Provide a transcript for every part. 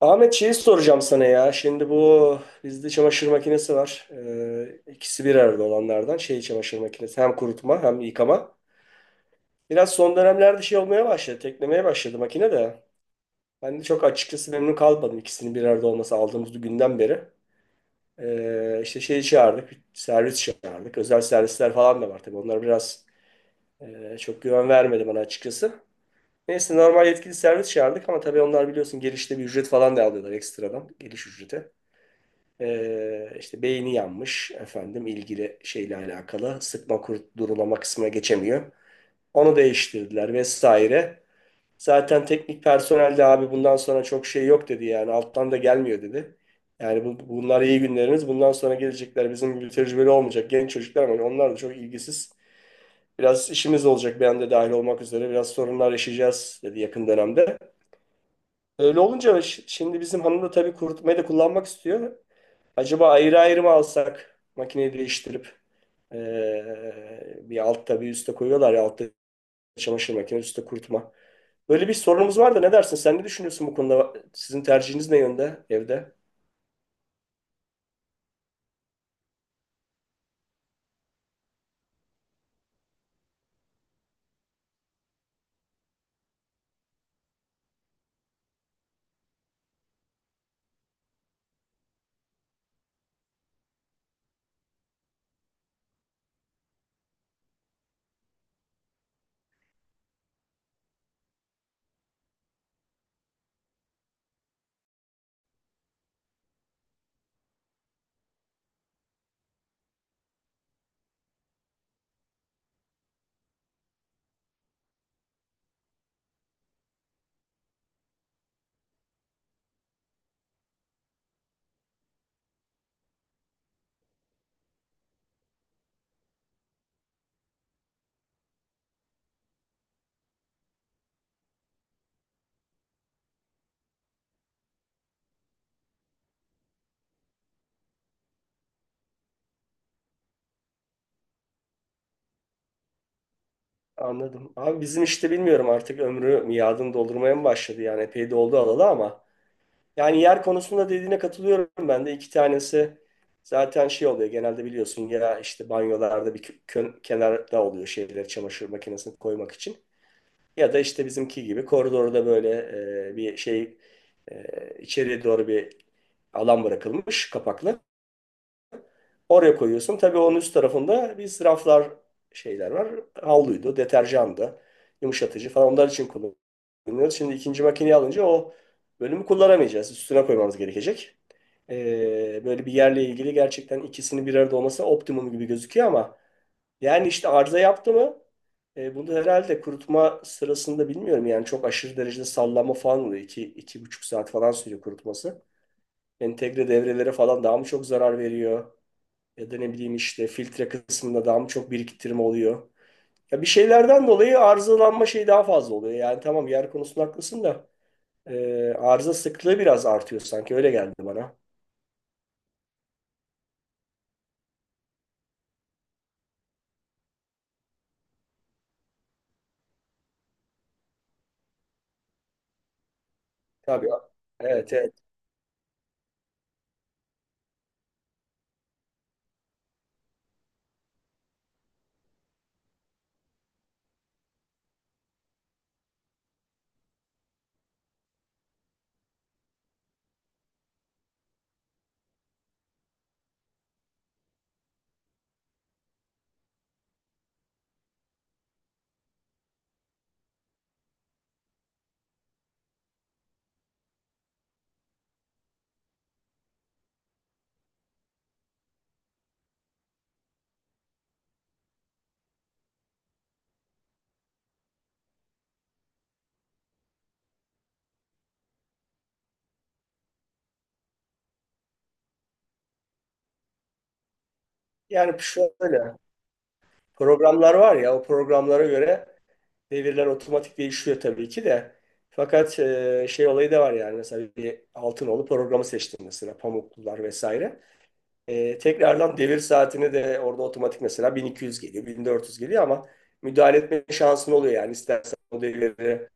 Ahmet şeyi soracağım sana ya. Şimdi bu bizde çamaşır makinesi var. İkisi bir arada olanlardan şey çamaşır makinesi. Hem kurutma hem yıkama. Biraz son dönemlerde şey olmaya başladı. Teklemeye başladı makine de. Ben de çok açıkçası memnun kalmadım ikisinin bir arada olması aldığımız günden beri. İşte şeyi çağırdık. Servis çağırdık. Özel servisler falan da var tabii. Onlar biraz çok güven vermedi bana açıkçası. Neyse normal yetkili servis çağırdık ama tabii onlar biliyorsun girişte bir ücret falan da alıyorlar ekstradan. Giriş ücreti. İşte beyni yanmış efendim ilgili şeyle alakalı sıkma kurt durulama kısmına geçemiyor. Onu değiştirdiler vesaire. Zaten teknik personel de abi bundan sonra çok şey yok dedi yani alttan da gelmiyor dedi. Yani bunlar iyi günlerimiz. Bundan sonra gelecekler bizim gibi tecrübeli olmayacak genç çocuklar ama onlar da çok ilgisiz. Biraz işimiz olacak ben de dahil olmak üzere biraz sorunlar yaşayacağız dedi yakın dönemde. Öyle olunca şimdi bizim hanım da tabii kurutmayı da kullanmak istiyor. Acaba ayrı ayrı mı alsak makineyi değiştirip bir altta bir üstte koyuyorlar ya altta çamaşır makinesi üstte kurutma. Böyle bir sorunumuz var da ne dersin? Sen ne düşünüyorsun bu konuda? Sizin tercihiniz ne yönde evde? Anladım. Abi bizim işte bilmiyorum artık ömrü miadını doldurmaya mı başladı? Yani epey de oldu alalı ama. Yani yer konusunda dediğine katılıyorum ben de. İki tanesi zaten şey oluyor genelde biliyorsun ya işte banyolarda bir kenarda oluyor şeyler çamaşır makinesini koymak için. Ya da işte bizimki gibi koridorda böyle bir şey içeriye doğru bir alan bırakılmış kapaklı. Oraya koyuyorsun. Tabii onun üst tarafında biz raflar şeyler var. Havluydu, deterjandı, yumuşatıcı falan onlar için kullanıyoruz. Şimdi ikinci makineyi alınca o bölümü kullanamayacağız. Üstüne koymamız gerekecek. Böyle bir yerle ilgili gerçekten ikisinin bir arada olması optimum gibi gözüküyor ama yani işte arıza yaptı mı bunu herhalde kurutma sırasında bilmiyorum yani çok aşırı derecede sallanma falan oluyor. İki buçuk saat falan sürüyor kurutması. Entegre devrelere falan daha mı çok zarar veriyor? Ya da ne bileyim işte filtre kısmında daha mı çok biriktirme oluyor. Ya bir şeylerden dolayı arızalanma şeyi daha fazla oluyor. Yani tamam yer konusunda haklısın da arıza sıklığı biraz artıyor sanki öyle geldi bana. Tabii. Evet, evet. Yani şöyle programlar var ya o programlara göre devirler otomatik değişiyor tabii ki de. Fakat şey olayı da var yani mesela bir Altınoğlu programı seçtim mesela Pamuklular vesaire. E, tekrardan devir saatini de orada otomatik mesela 1200 geliyor, 1400 geliyor ama müdahale etme şansın oluyor yani. İstersen o devirleri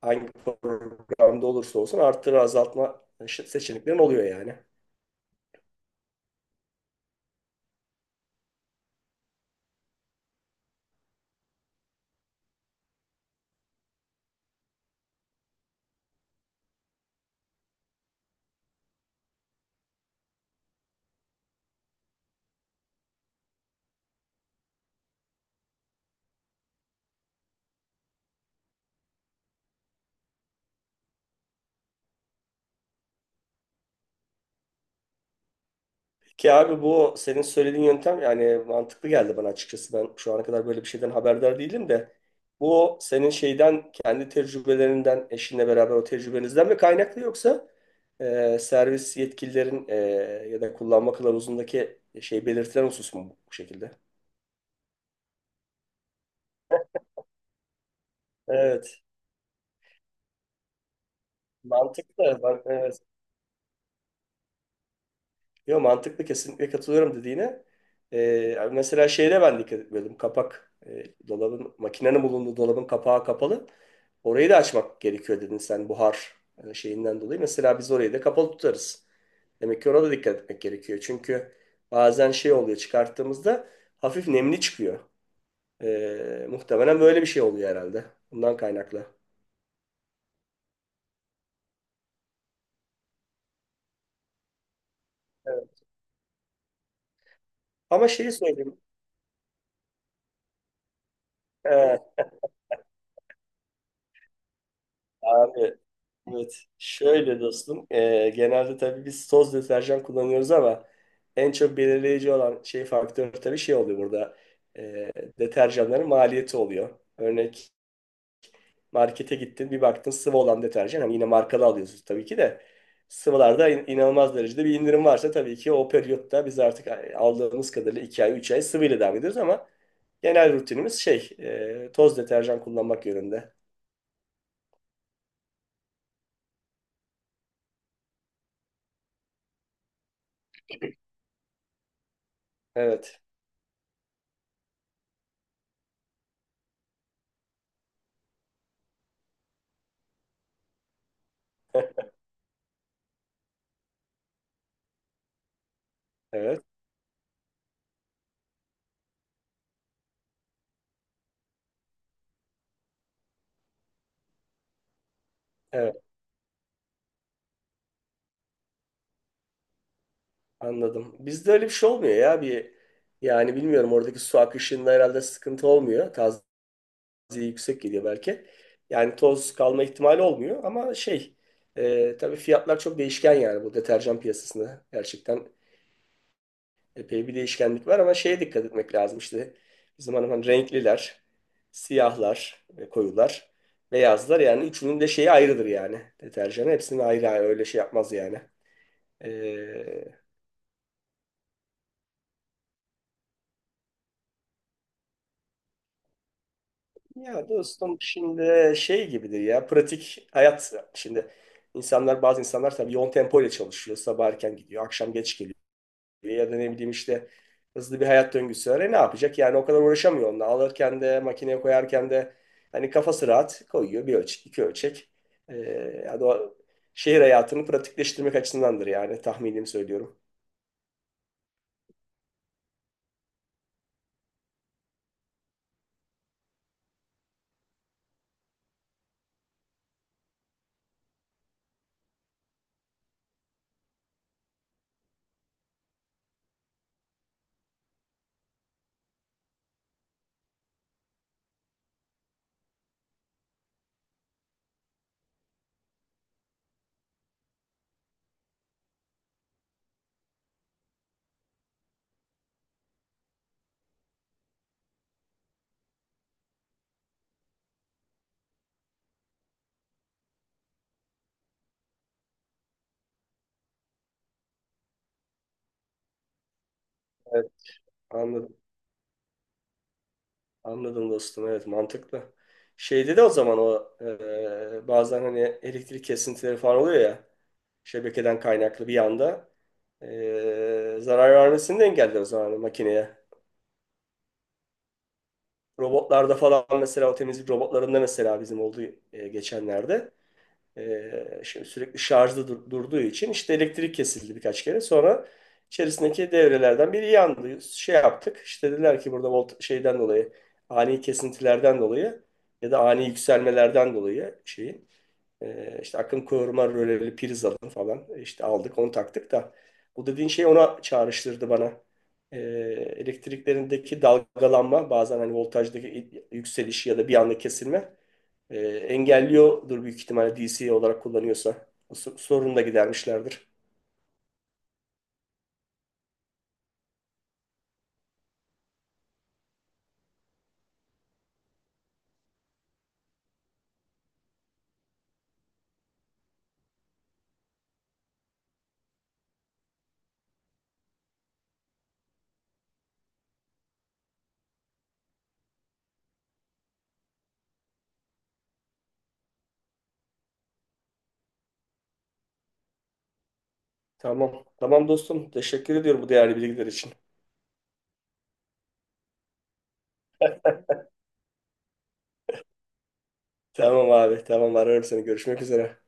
hangi programda olursa olsun arttırı azaltma seçeneklerin oluyor yani. Ki abi bu senin söylediğin yöntem yani mantıklı geldi bana açıkçası. Ben şu ana kadar böyle bir şeyden haberdar değilim de bu senin şeyden kendi tecrübelerinden eşinle beraber o tecrübenizden mi kaynaklı yoksa servis yetkililerin ya da kullanma kılavuzundaki şey belirtilen husus mu bu şekilde? Evet. Mantıklı. Evet. Yo, mantıklı, kesinlikle katılıyorum dediğine. Mesela şeyde ben dikkat etmiyordum. Kapak makinenin bulunduğu dolabın kapağı kapalı. Orayı da açmak gerekiyor dedin sen buhar şeyinden dolayı. Mesela biz orayı da kapalı tutarız. Demek ki ona da dikkat etmek gerekiyor. Çünkü bazen şey oluyor çıkarttığımızda hafif nemli çıkıyor. Muhtemelen böyle bir şey oluyor herhalde. Bundan kaynaklı. Evet. Ama şeyi söyleyeyim. Ee, Abi, evet şöyle dostum, genelde tabii biz toz deterjan kullanıyoruz ama en çok belirleyici olan şey faktör tabii şey oluyor burada. Eee, Deterjanların maliyeti oluyor. Örnek, markete gittin bir baktın sıvı olan deterjan hani yine markalı alıyorsunuz tabii ki de, sıvılarda inanılmaz derecede bir indirim varsa tabii ki o periyotta biz artık aldığımız kadarıyla 2 ay 3 ay sıvıyla devam ediyoruz ama genel rutinimiz şey, toz deterjan kullanmak yönünde. Evet, evet, evet. Anladım. Bizde öyle bir şey olmuyor ya. Bir, yani bilmiyorum oradaki su akışında herhalde sıkıntı olmuyor. Taziye yüksek geliyor belki. Yani toz kalma ihtimali olmuyor ama şey, tabii fiyatlar çok değişken yani bu deterjan piyasasında. Gerçekten epey bir değişkenlik var ama şeye dikkat etmek lazım işte. Bizim hanım hani renkliler, siyahlar, koyular, beyazlar yani üçünün de şeyi ayrıdır yani. Deterjanı hepsini ayrı ayrı öyle şey yapmaz yani. E, Ya dostum şimdi şey gibidir ya pratik hayat. Şimdi insanlar, insanlar tabii yoğun tempo ile çalışıyor, sabah erken gidiyor akşam geç, ya da ne bileyim işte hızlı bir hayat döngüsü var. E ne yapacak? Yani o kadar uğraşamıyor onunla. Alırken de makineye koyarken de hani kafası rahat koyuyor bir ölçek, iki ölçek. E, Yani o şehir hayatını pratikleştirmek açısındandır yani, tahminimi söylüyorum. Evet, anladım. Anladım dostum. Evet, mantıklı. Şeyde de o zaman o bazen hani elektrik kesintileri falan oluyor ya şebekeden kaynaklı bir anda zarar vermesini de engeller o zaman hani makineye. Robotlarda falan, mesela o temizlik robotlarında mesela bizim oldu geçenlerde. Şimdi sürekli şarjda durduğu için işte elektrik kesildi birkaç kere. Sonra içerisindeki devrelerden biri yandı. Şey yaptık. İşte dediler ki burada volt şeyden dolayı ani kesintilerden dolayı ya da ani yükselmelerden dolayı şeyin işte akım koruma röleli priz alın falan, işte aldık onu taktık da bu dediğin şey ona çağrıştırdı bana. E, Elektriklerindeki dalgalanma bazen hani voltajdaki yükselişi ya da bir anda kesilme engelliyordur büyük ihtimalle DC olarak kullanıyorsa. Bu sorunu da gidermişlerdir. Tamam. Tamam dostum. Teşekkür ediyorum bu değerli bilgiler için. Tamam abi. Tamam, ararım seni. Görüşmek üzere.